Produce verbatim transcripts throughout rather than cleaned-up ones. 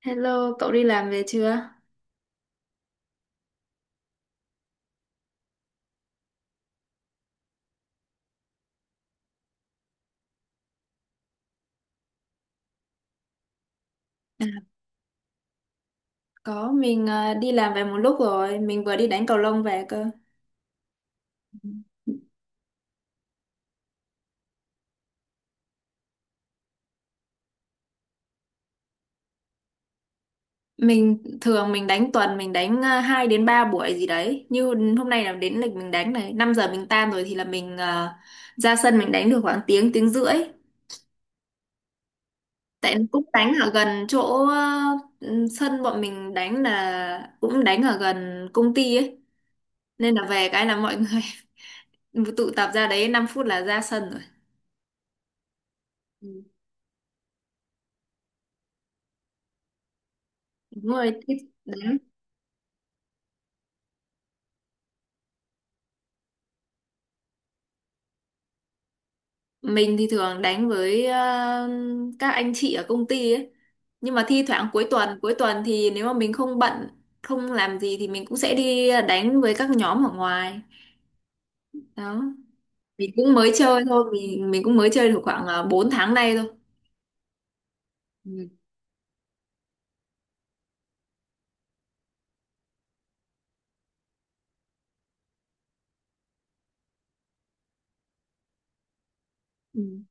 Hello, cậu đi làm về chưa? À, có, mình ờ, đi làm về một lúc rồi, mình vừa đi đánh cầu lông về cơ. Mình thường mình đánh tuần mình đánh uh, hai đến ba buổi gì đấy. Như hôm nay là đến lịch mình đánh này, năm giờ mình tan rồi thì là mình ờ, ra sân mình đánh được khoảng tiếng tiếng rưỡi. Tại cũng đánh ở gần chỗ ờ, ừ, sân bọn mình đánh là cũng đánh ở gần công ty ấy. Nên là về cái là mọi người tụ tập ra đấy năm phút là ra sân rồi. Ừ. Đúng rồi, thích đánh. Mình thì thường đánh với ờ, các anh chị ở công ty ấy. Nhưng mà thi thoảng cuối tuần, cuối tuần thì nếu mà mình không bận, không làm gì thì mình cũng sẽ đi đánh với các nhóm ở ngoài. Đó. Mình cũng mới chơi thôi, mình mình cũng mới chơi được khoảng uh, bốn tháng nay thôi. Ừ. Ừ.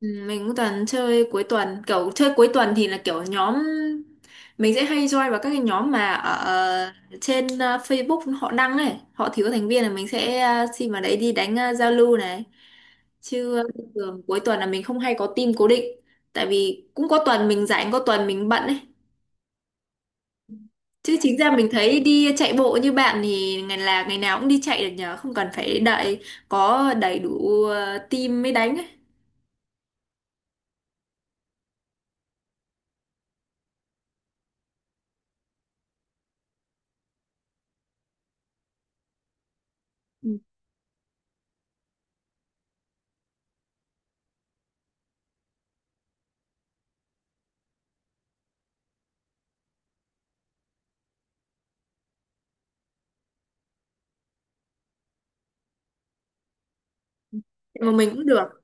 Ừ, mình cũng toàn chơi cuối tuần, kiểu chơi cuối tuần thì là kiểu nhóm mình sẽ hay join vào các cái nhóm mà ở ờ, trên ờ, Facebook họ đăng này họ thiếu thành viên là mình sẽ ờ, xin vào đấy đi đánh ờ, giao lưu này chứ ờ, thường cuối tuần là mình không hay có team cố định tại vì cũng có tuần mình rảnh có tuần mình bận ấy. Chứ chính ra mình thấy đi chạy bộ như bạn thì ngày là ngày nào cũng đi chạy được nhờ, không cần phải đợi có đầy đủ ờ, team mới đánh ấy. Ừ. Mà mình cũng được.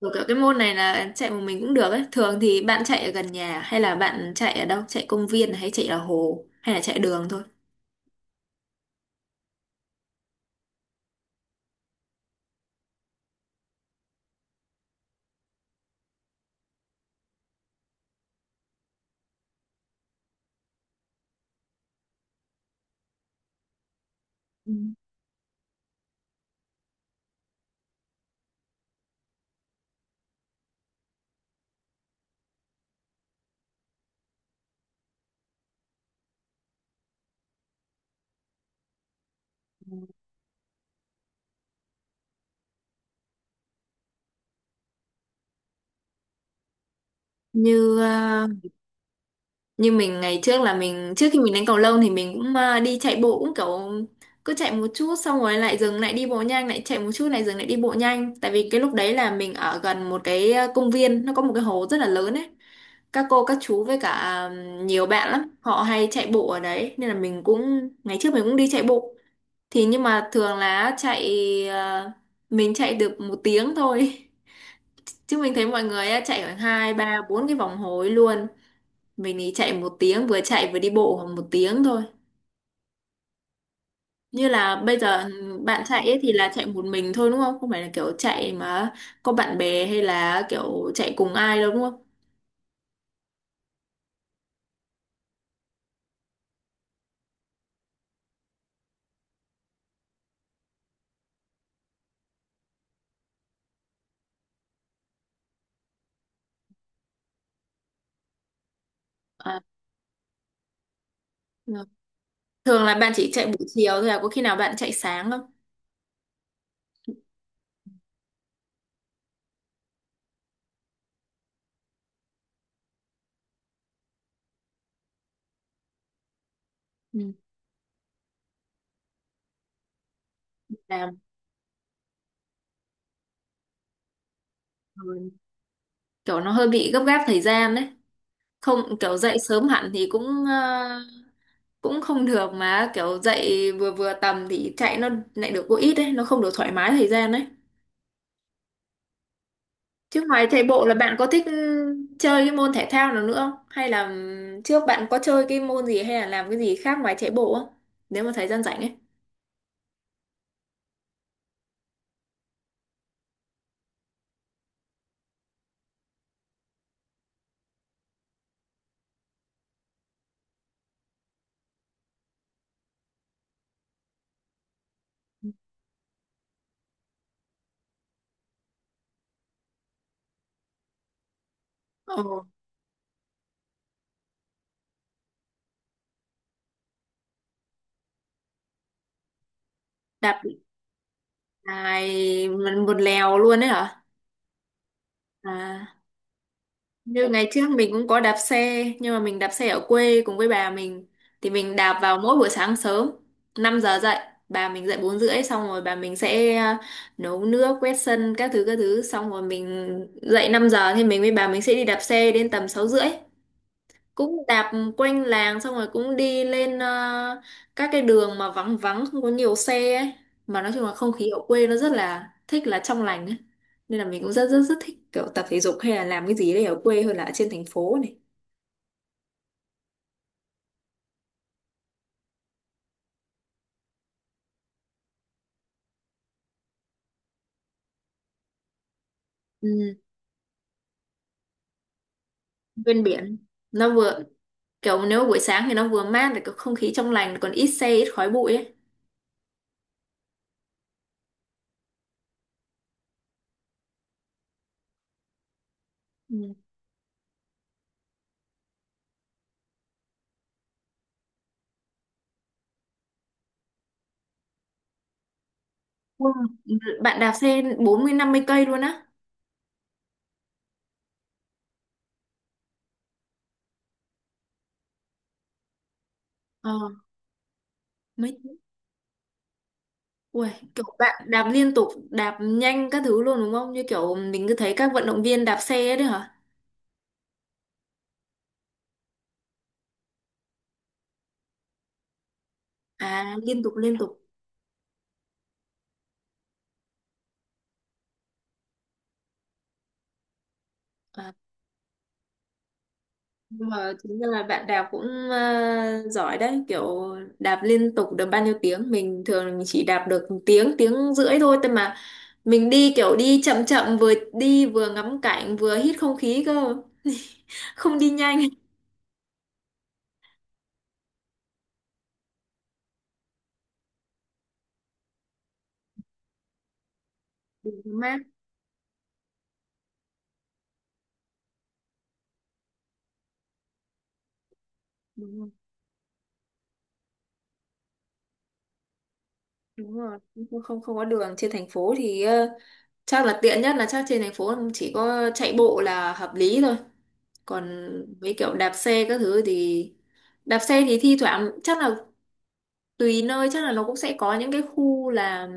Kiểu kiểu cái môn này là chạy một mình cũng được ấy. Thường thì bạn chạy ở gần nhà hay là bạn chạy ở đâu? Chạy công viên hay chạy ở hồ hay là chạy đường thôi? Ừ. Như ờ, như mình ngày trước là mình trước khi mình đánh cầu lông thì mình cũng ờ, đi chạy bộ cũng kiểu cứ chạy một chút xong rồi lại dừng lại đi bộ nhanh lại chạy một chút lại dừng lại đi bộ nhanh, tại vì cái lúc đấy là mình ở gần một cái ờ, công viên nó có một cái hồ rất là lớn ấy. Các cô các chú với cả ờ, nhiều bạn lắm họ hay chạy bộ ở đấy nên là mình cũng ngày trước mình cũng đi chạy bộ. Thì nhưng mà thường là chạy ờ, mình chạy được một tiếng thôi. Chứ mình thấy mọi người á, chạy khoảng hai ba bốn cái vòng hối luôn. Mình thì chạy một tiếng vừa chạy vừa đi bộ khoảng một tiếng thôi. Như là bây giờ ừ, bạn chạy ấy thì là chạy một mình thôi đúng không? Không phải là kiểu chạy mà có bạn bè hay là kiểu chạy cùng ai đâu đúng không? À, đúng rồi. Thường là bạn chỉ chạy buổi chiều thôi à? Có khi nào bạn chạy sáng không? Ừ. Làm ừ, kiểu nó hơi bị gấp gáp thời gian đấy. Không kiểu dậy sớm hẳn thì cũng ờ, cũng không được mà kiểu dậy vừa vừa tầm thì chạy nó lại được có ít đấy, nó không được thoải mái thời gian đấy. Chứ ngoài chạy bộ là bạn có thích ừ, chơi cái môn thể thao nào nữa không hay là ừ, trước bạn có chơi cái môn gì hay là làm cái gì khác ngoài chạy bộ không, nếu mà thời gian rảnh ấy? Ờ. Đạp lại một lèo luôn đấy hả? À, như ngày trước mình cũng có đạp xe nhưng mà mình đạp xe ở quê cùng với bà mình thì mình đạp vào mỗi buổi sáng sớm, năm giờ dậy, bà mình dậy bốn rưỡi xong rồi bà mình sẽ à, nấu nước quét sân các thứ các thứ xong rồi mình dậy năm giờ thì mình với bà mình sẽ đi đạp xe đến tầm sáu rưỡi. Cũng đạp quanh làng xong rồi cũng đi lên ờ, các cái đường mà vắng vắng không có nhiều xe ấy, mà nói chung là không khí ở quê nó rất là thích, là trong lành ấy, nên là mình cũng rất rất rất thích kiểu tập thể dục hay là làm cái gì đấy ở quê hơn là ở trên thành phố này. Ừ, bên biển nó vừa kiểu nếu buổi sáng thì nó vừa mát lại có không khí trong lành còn ít xe ít khói bụi ấy. Ừ. Wow. Bạn đạp xe bốn mươi năm mươi cây luôn á? Ờ, mấy. Ui, kiểu bạn đạp liên tục, đạp nhanh các thứ luôn đúng không? Như kiểu mình cứ thấy các vận động viên đạp xe ấy đấy hả? À, liên tục liên tục. À, nhưng mà chính ra là bạn đạp cũng à, giỏi đấy, kiểu đạp liên tục được bao nhiêu tiếng? Mình thường mình chỉ đạp được một tiếng, tiếng rưỡi thôi, thế mà mình đi kiểu đi chậm chậm vừa đi vừa ngắm cảnh vừa hít không khí cơ. Không đi nhanh. Đường mát. Đúng rồi, đúng rồi. Không không không có đường trên thành phố thì ờ, chắc là tiện nhất là chắc trên thành phố chỉ có chạy bộ là hợp lý thôi, còn mấy kiểu đạp xe các thứ thì đạp xe thì thi thoảng chắc là tùy nơi, chắc là nó cũng sẽ có những cái khu là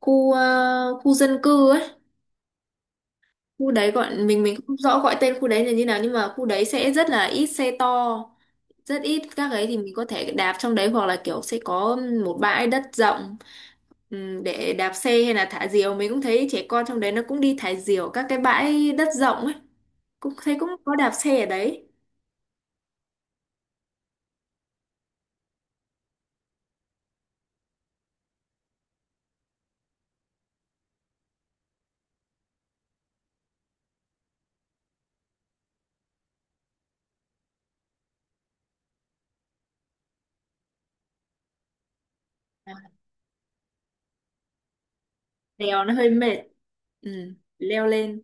khu ờ, khu dân cư ấy, khu đấy gọi mình mình không rõ gọi tên khu đấy là như nào nhưng mà khu đấy sẽ rất là ít xe to, rất ít các ấy thì mình có thể đạp trong đấy hoặc là kiểu sẽ có một bãi đất rộng ừm, để đạp xe hay là thả diều, mình cũng thấy trẻ con trong đấy nó cũng đi thả diều các cái bãi đất rộng ấy, cũng thấy cũng có đạp xe ở đấy. À, đèo nó hơi mệt. Ừm, leo lên.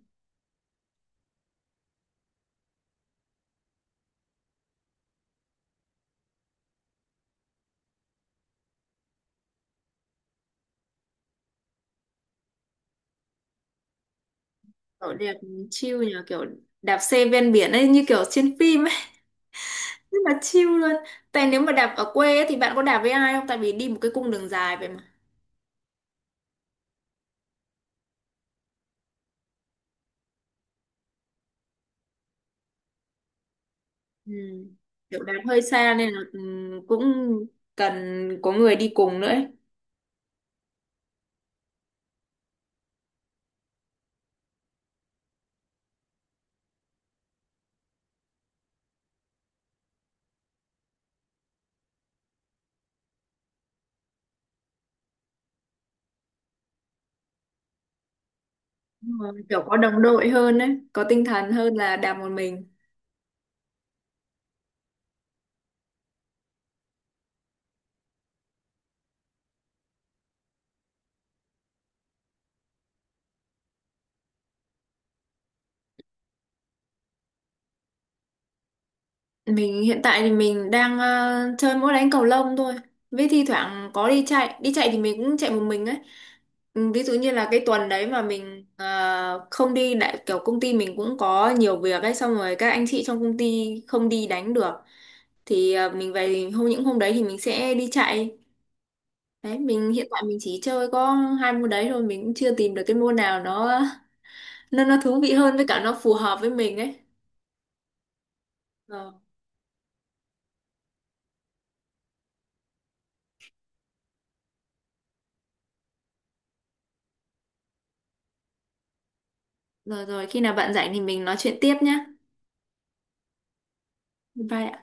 Kiểu đẹp chill nhờ kiểu đạp xe ven biển ấy như kiểu trên phim, rất là chill luôn. Tại nếu mà đạp ở quê ấy, thì bạn có đạp với ai không, tại vì đi một cái cung đường dài vậy mà. Ừ. Kiểu đạp hơi xa nên là ừ, cũng cần có người đi cùng nữa ấy. Đúng rồi. Kiểu có đồng đội hơn ấy, có tinh thần hơn là đạp một mình. Mình hiện tại thì mình đang ờ, chơi mỗi đánh cầu lông thôi. Với thi thoảng có đi chạy, đi chạy thì mình cũng chạy một mình ấy. Ừ, ví dụ như là cái tuần đấy mà mình ờ, không đi đại kiểu công ty mình cũng có nhiều việc ấy xong rồi các anh chị trong công ty không đi đánh được thì ờ, mình về hôm những hôm đấy thì mình sẽ đi chạy. Đấy, mình hiện tại mình chỉ chơi có hai môn đấy thôi, mình cũng chưa tìm được cái môn nào nó nó nó thú vị hơn với cả nó phù hợp với mình ấy. Rồi, rồi rồi khi nào bạn rảnh thì mình nói chuyện tiếp nhá. Bye ạ.